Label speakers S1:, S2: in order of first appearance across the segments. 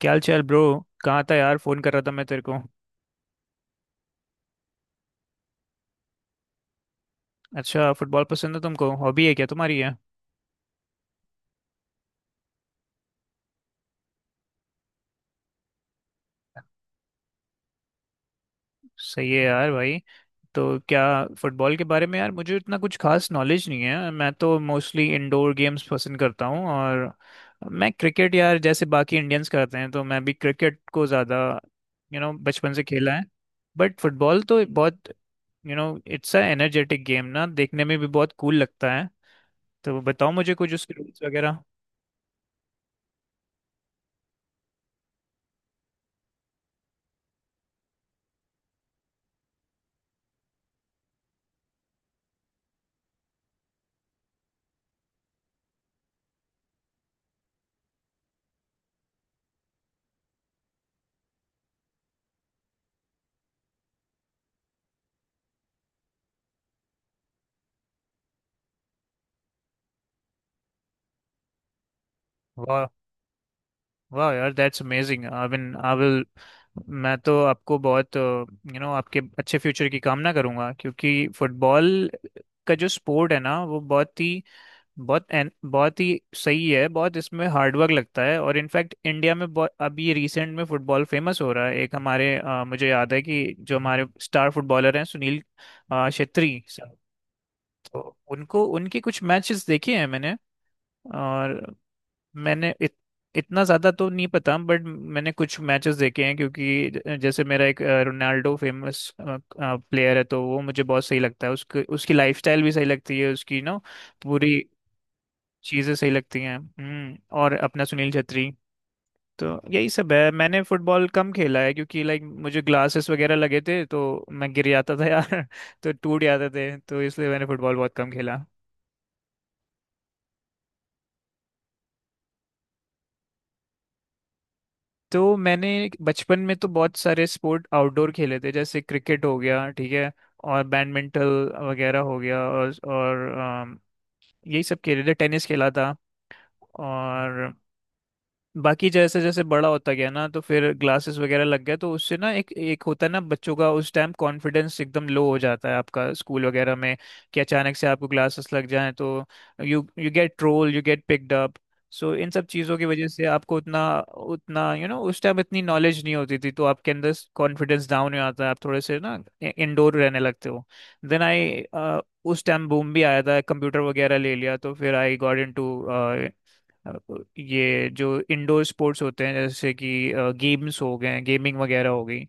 S1: क्या हाल चाल ब्रो। कहाँ था यार, फोन कर रहा था मैं तेरे को। अच्छा, फुटबॉल पसंद है तुमको, हॉबी है क्या तुम्हारी है। सही है यार भाई। तो क्या फुटबॉल के बारे में, यार मुझे इतना कुछ खास नॉलेज नहीं है, मैं तो मोस्टली इंडोर गेम्स पसंद करता हूँ, और मैं क्रिकेट यार जैसे बाकी इंडियंस करते हैं तो मैं भी क्रिकेट को ज़्यादा बचपन से खेला है। बट फुटबॉल तो बहुत you know it's a energetic game ना, देखने में भी बहुत कूल लगता है। तो बताओ मुझे कुछ उसके रूल्स वगैरह। वाह, वाह यार, that's amazing. I mean I will, मैं तो आपको बहुत आपके अच्छे फ्यूचर की कामना करूंगा क्योंकि फुटबॉल का जो स्पोर्ट है ना वो बहुत ही बहुत ही सही है, बहुत इसमें हार्डवर्क लगता है, और इनफैक्ट इंडिया में बहुत अभी रिसेंट में फुटबॉल फेमस हो रहा है। एक हमारे मुझे याद है कि जो हमारे स्टार फुटबॉलर हैं, सुनील छेत्री साहब, तो उनको उनके कुछ मैचेस देखे हैं मैंने। और मैंने इत, इतना ज़्यादा तो नहीं पता, बट मैंने कुछ मैचेस देखे हैं। क्योंकि जैसे मेरा एक रोनाल्डो फेमस प्लेयर है, तो वो मुझे बहुत सही लगता है, उसके उसकी लाइफस्टाइल भी सही लगती है उसकी, ना पूरी चीज़ें सही लगती हैं और अपना सुनील छेत्री। तो यही सब है, मैंने फुटबॉल कम खेला है क्योंकि लाइक मुझे ग्लासेस वगैरह लगे थे तो मैं गिर जाता था यार, तो टूट जाते थे, तो इसलिए मैंने फुटबॉल बहुत कम खेला। तो मैंने बचपन में तो बहुत सारे स्पोर्ट आउटडोर खेले थे, जैसे क्रिकेट हो गया, ठीक है, और बैडमिंटन वगैरह हो गया, और यही सब खेले थे, टेनिस खेला था। और बाकी जैसे जैसे बड़ा होता गया ना, तो फिर ग्लासेस वगैरह लग गया, तो उससे ना एक एक होता है ना बच्चों का, उस टाइम कॉन्फिडेंस एकदम लो हो जाता है आपका, स्कूल वगैरह में कि अचानक से आपको ग्लासेस लग जाएं तो you you get troll, you get picked up. So इन सब चीज़ों की वजह से आपको उतना उतना यू you नो know, उस टाइम इतनी नॉलेज नहीं होती थी, तो आपके अंदर कॉन्फिडेंस डाउन हो जाता है, आप थोड़े से ना इंडोर रहने लगते हो। देन आई, उस टाइम बूम भी आया था, कंप्यूटर वगैरह ले लिया, तो फिर आई गॉट इन टू ये जो इंडोर स्पोर्ट्स होते हैं, जैसे कि गेम्स हो गए, गेमिंग वगैरह हो गई,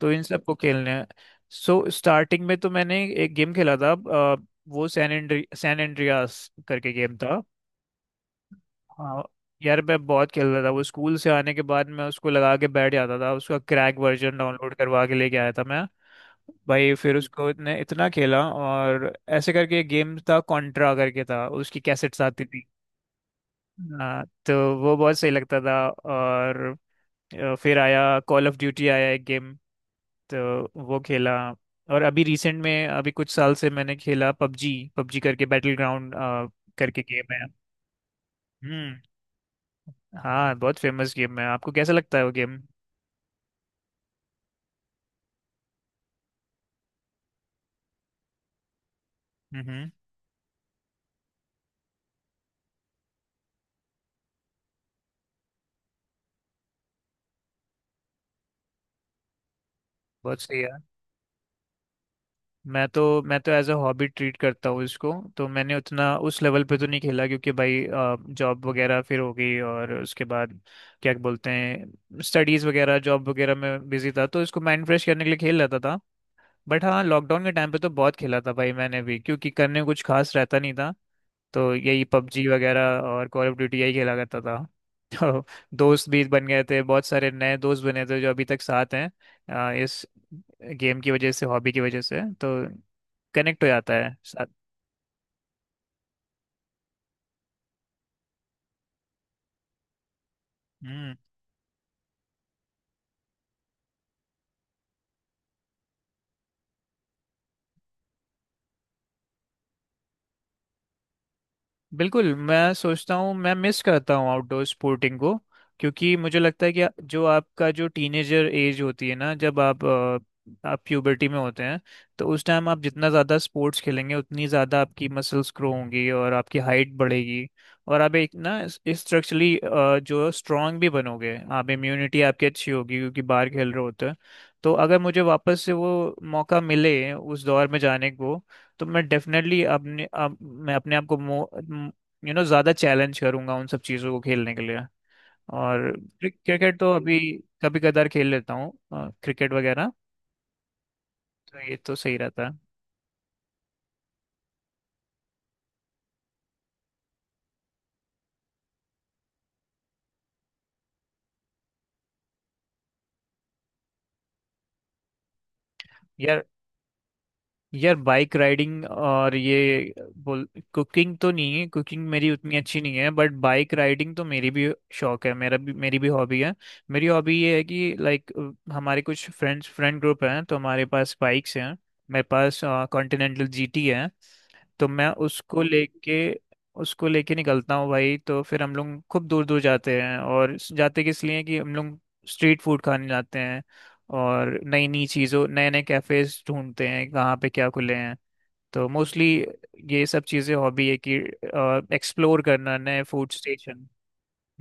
S1: तो इन सबको खेलने हैं। सो स्टार्टिंग में तो मैंने एक गेम खेला था, वो सैन एंड्रियास करके गेम था। हाँ यार, मैं बहुत खेलता था वो, स्कूल से आने के बाद मैं उसको लगा के बैठ जाता था, उसका क्रैक वर्जन डाउनलोड करवा के लेके आया था मैं। भाई फिर उसको इतने इतना खेला, और ऐसे करके एक गेम था कॉन्ट्रा करके था, उसकी कैसेट्स आती थी। हाँ, तो वो बहुत सही लगता था, और फिर आया कॉल ऑफ ड्यूटी, आया एक गेम तो वो खेला। और अभी रिसेंट में अभी कुछ साल से मैंने खेला पबजी, करके बैटल ग्राउंड करके गेम है। हम्म। हाँ, बहुत फेमस गेम है, आपको कैसा लगता है वो गेम। हम्म, बहुत सही है। मैं तो एज अ हॉबी ट्रीट करता हूँ इसको, तो मैंने उतना उस लेवल पे तो नहीं खेला क्योंकि भाई जॉब वगैरह फिर हो गई, और उसके बाद क्या बोलते हैं, स्टडीज़ वगैरह, जॉब वगैरह में बिजी था, तो इसको माइंड फ्रेश करने के लिए खेल लेता था। बट हाँ, लॉकडाउन के टाइम पे तो बहुत खेला था भाई मैंने भी, क्योंकि करने को कुछ खास रहता नहीं था, तो यही पबजी वगैरह और कॉल ऑफ ड्यूटी यही खेला करता था। तो दोस्त भी बन गए थे, बहुत सारे नए दोस्त बने थे जो अभी तक साथ हैं, इस गेम की वजह से, हॉबी की वजह से, तो कनेक्ट हो जाता है साथ। बिल्कुल। मैं सोचता हूँ, मैं मिस करता हूँ आउटडोर स्पोर्टिंग को, क्योंकि मुझे लगता है कि जो आपका जो टीनेजर एज होती है ना, जब आप आप प्यूबर्टी में होते हैं, तो उस टाइम आप जितना ज़्यादा स्पोर्ट्स खेलेंगे उतनी ज़्यादा आपकी मसल्स ग्रो होंगी और आपकी हाइट बढ़ेगी, और आप एक ना स्ट्रक्चरली जो स्ट्रांग भी बनोगे आप, इम्यूनिटी आपकी अच्छी होगी, क्योंकि बाहर खेल रहे होते हैं। तो अगर मुझे वापस से वो मौका मिले उस दौर में जाने को, तो मैं डेफिनेटली मैं अपने आप को ज़्यादा चैलेंज करूंगा उन सब चीज़ों को खेलने के लिए। और क्रिकेट तो अभी कभी कदार खेल लेता हूँ, क्रिकेट वगैरह, तो ये तो सही रहता है। यार, यार बाइक राइडिंग और ये बोल, कुकिंग तो नहीं है, कुकिंग मेरी उतनी अच्छी नहीं है, बट बाइक राइडिंग तो मेरी भी शौक है, मेरा भी मेरी भी हॉबी है। मेरी हॉबी ये है कि लाइक हमारे कुछ फ्रेंड ग्रुप हैं, तो हमारे पास बाइक्स हैं। मेरे पास कॉन्टिनेंटल जीटी है, तो मैं उसको लेके निकलता हूँ भाई, तो फिर हम लोग खूब दूर दूर जाते हैं, और जाते किस लिए कि हम लोग स्ट्रीट फूड खाने जाते हैं, और नई नई चीज़ों, नए नए कैफ़ेज ढूंढते हैं, कहाँ पे क्या खुले हैं। तो मोस्टली ये सब चीज़ें हॉबी है कि एक्सप्लोर करना नए फूड स्टेशन।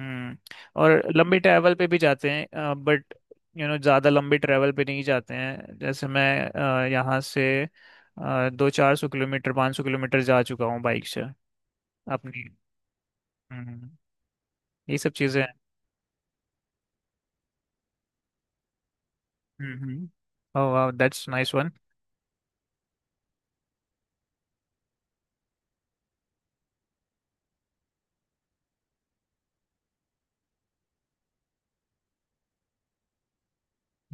S1: हम्म, और लंबी ट्रैवल पे भी जाते हैं, बट ज़्यादा लंबी ट्रैवल पे नहीं जाते हैं, जैसे मैं यहाँ से दो 400 किलोमीटर, 500 किलोमीटर जा चुका हूँ बाइक से अपनी। हम्म, ये सब चीज़ें हैं। हम्म, ओह वाह, दैट्स नाइस वन।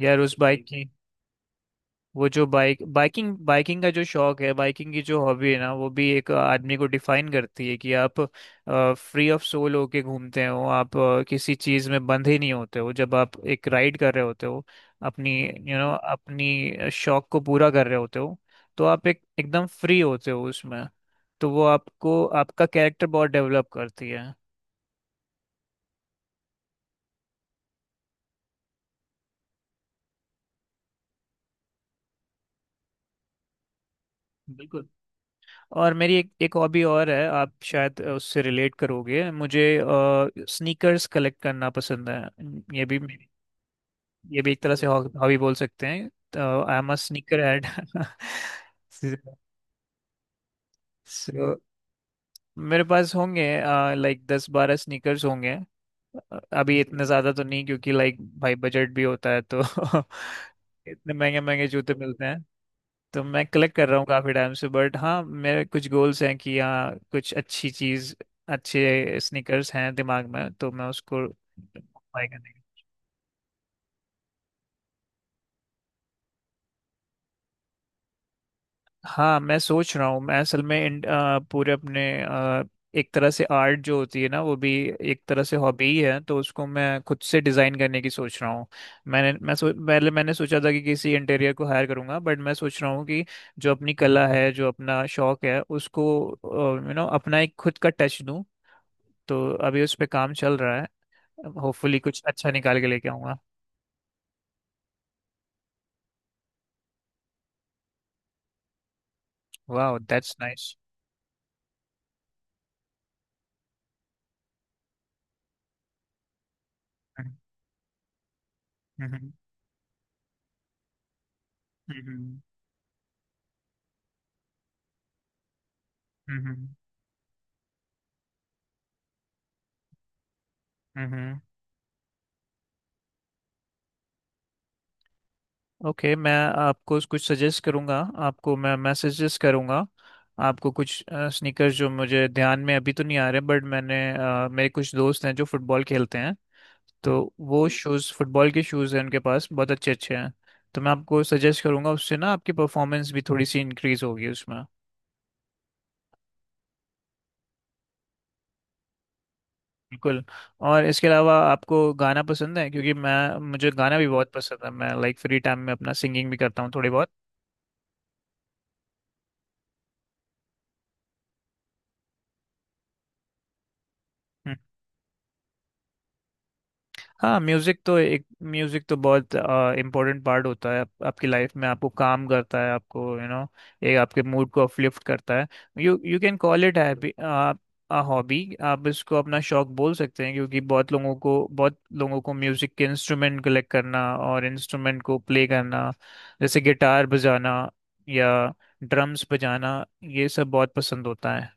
S1: यार उस बाइक की, वो जो बाइकिंग का जो शौक है, बाइकिंग की जो हॉबी है ना, वो भी एक आदमी को डिफाइन करती है कि आप फ्री ऑफ सोल होके घूमते हो, आप किसी चीज में बंधे नहीं होते हो जब आप एक राइड कर रहे होते हो अपनी, अपनी शौक को पूरा कर रहे होते हो, तो आप एक एकदम फ्री होते हो उसमें, तो वो आपको आपका कैरेक्टर बहुत डेवलप करती है। बिल्कुल। और मेरी एक एक हॉबी और है, आप शायद उससे रिलेट करोगे, मुझे स्नीकर्स कलेक्ट करना पसंद है। ये भी मेरी- ये भी एक तरह से हॉबी बोल सकते हैं, I am a sneaker head सो। मेरे पास होंगे लाइक 10 12 स्नीकर्स होंगे, अभी इतने ज़्यादा तो नहीं क्योंकि लाइक भाई बजट भी होता है तो, इतने महंगे महंगे जूते मिलते। तो मैं कलेक्ट कर रहा हूँ काफी टाइम से, बट हाँ मेरे कुछ गोल्स हैं कि हाँ, कुछ अच्छी चीज अच्छे स्नीकर्स हैं दिमाग में, तो मैं उसको buy करने की- हाँ मैं सोच रहा हूँ, मैं असल में पूरे अपने एक तरह से आर्ट जो होती है ना, वो भी एक तरह से हॉबी ही है, तो उसको मैं खुद से डिज़ाइन करने की सोच रहा हूँ। पहले मैंने सोचा था कि किसी इंटीरियर को हायर करूँगा, बट मैं सोच रहा हूँ कि जो अपनी कला है, जो अपना शौक है, उसको अपना एक खुद का टच दूं, तो अभी उस पे काम चल रहा है, होपफुली कुछ अच्छा निकाल के लेके आऊंगा। वाह, दैट्स नाइस। ओके मैं आपको कुछ सजेस्ट करूंगा, आपको मैं मैसेजेस करूंगा, आपको कुछ स्नीकर्स जो मुझे ध्यान में अभी तो नहीं आ रहे, बट मैंने मेरे कुछ दोस्त हैं जो फुटबॉल खेलते हैं, तो वो शूज़, फुटबॉल के शूज़ हैं उनके पास, बहुत अच्छे अच्छे हैं। तो मैं आपको सजेस्ट करूंगा, उससे ना आपकी परफॉर्मेंस भी थोड़ी सी इंक्रीज होगी उसमें। बिल्कुल। और इसके अलावा आपको गाना पसंद है, क्योंकि मैं, मुझे गाना भी बहुत पसंद है, मैं लाइक फ्री टाइम में अपना सिंगिंग भी करता हूँ थोड़ी बहुत। हाँ, म्यूजिक तो बहुत इम्पोर्टेंट पार्ट होता है, आप, आपकी लाइफ में आपको काम करता है, आपको यू you नो एक आपके मूड को अपलिफ्ट करता है। You you can call it happy uh hobby, आप इसको अपना शौक बोल सकते हैं, क्योंकि बहुत लोगों को म्यूजिक के इंस्ट्रूमेंट कलेक्ट करना और इंस्ट्रूमेंट को प्ले करना, जैसे गिटार बजाना या ड्रम्स बजाना, ये सब बहुत पसंद होता है।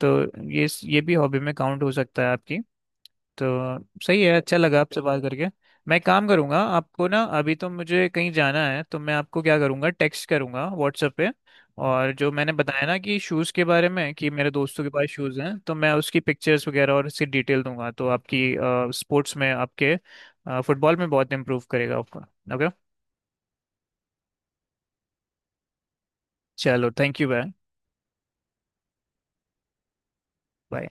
S1: तो ये ये भी हॉबी में काउंट हो सकता है आपकी। तो सही है, अच्छा लगा आपसे बात करके। मैं एक काम करूँगा आपको ना, अभी तो मुझे कहीं जाना है, तो मैं आपको क्या करूँगा, टेक्स्ट करूँगा व्हाट्सएप पे, और जो मैंने बताया ना कि शूज़ के बारे में, कि मेरे दोस्तों के पास शूज़ हैं, तो मैं उसकी पिक्चर्स वगैरह और उसकी डिटेल दूंगा, तो आपकी स्पोर्ट्स में, आपके फुटबॉल में बहुत इम्प्रूव करेगा आपका। ओके, चलो थैंक यू बाय बाय।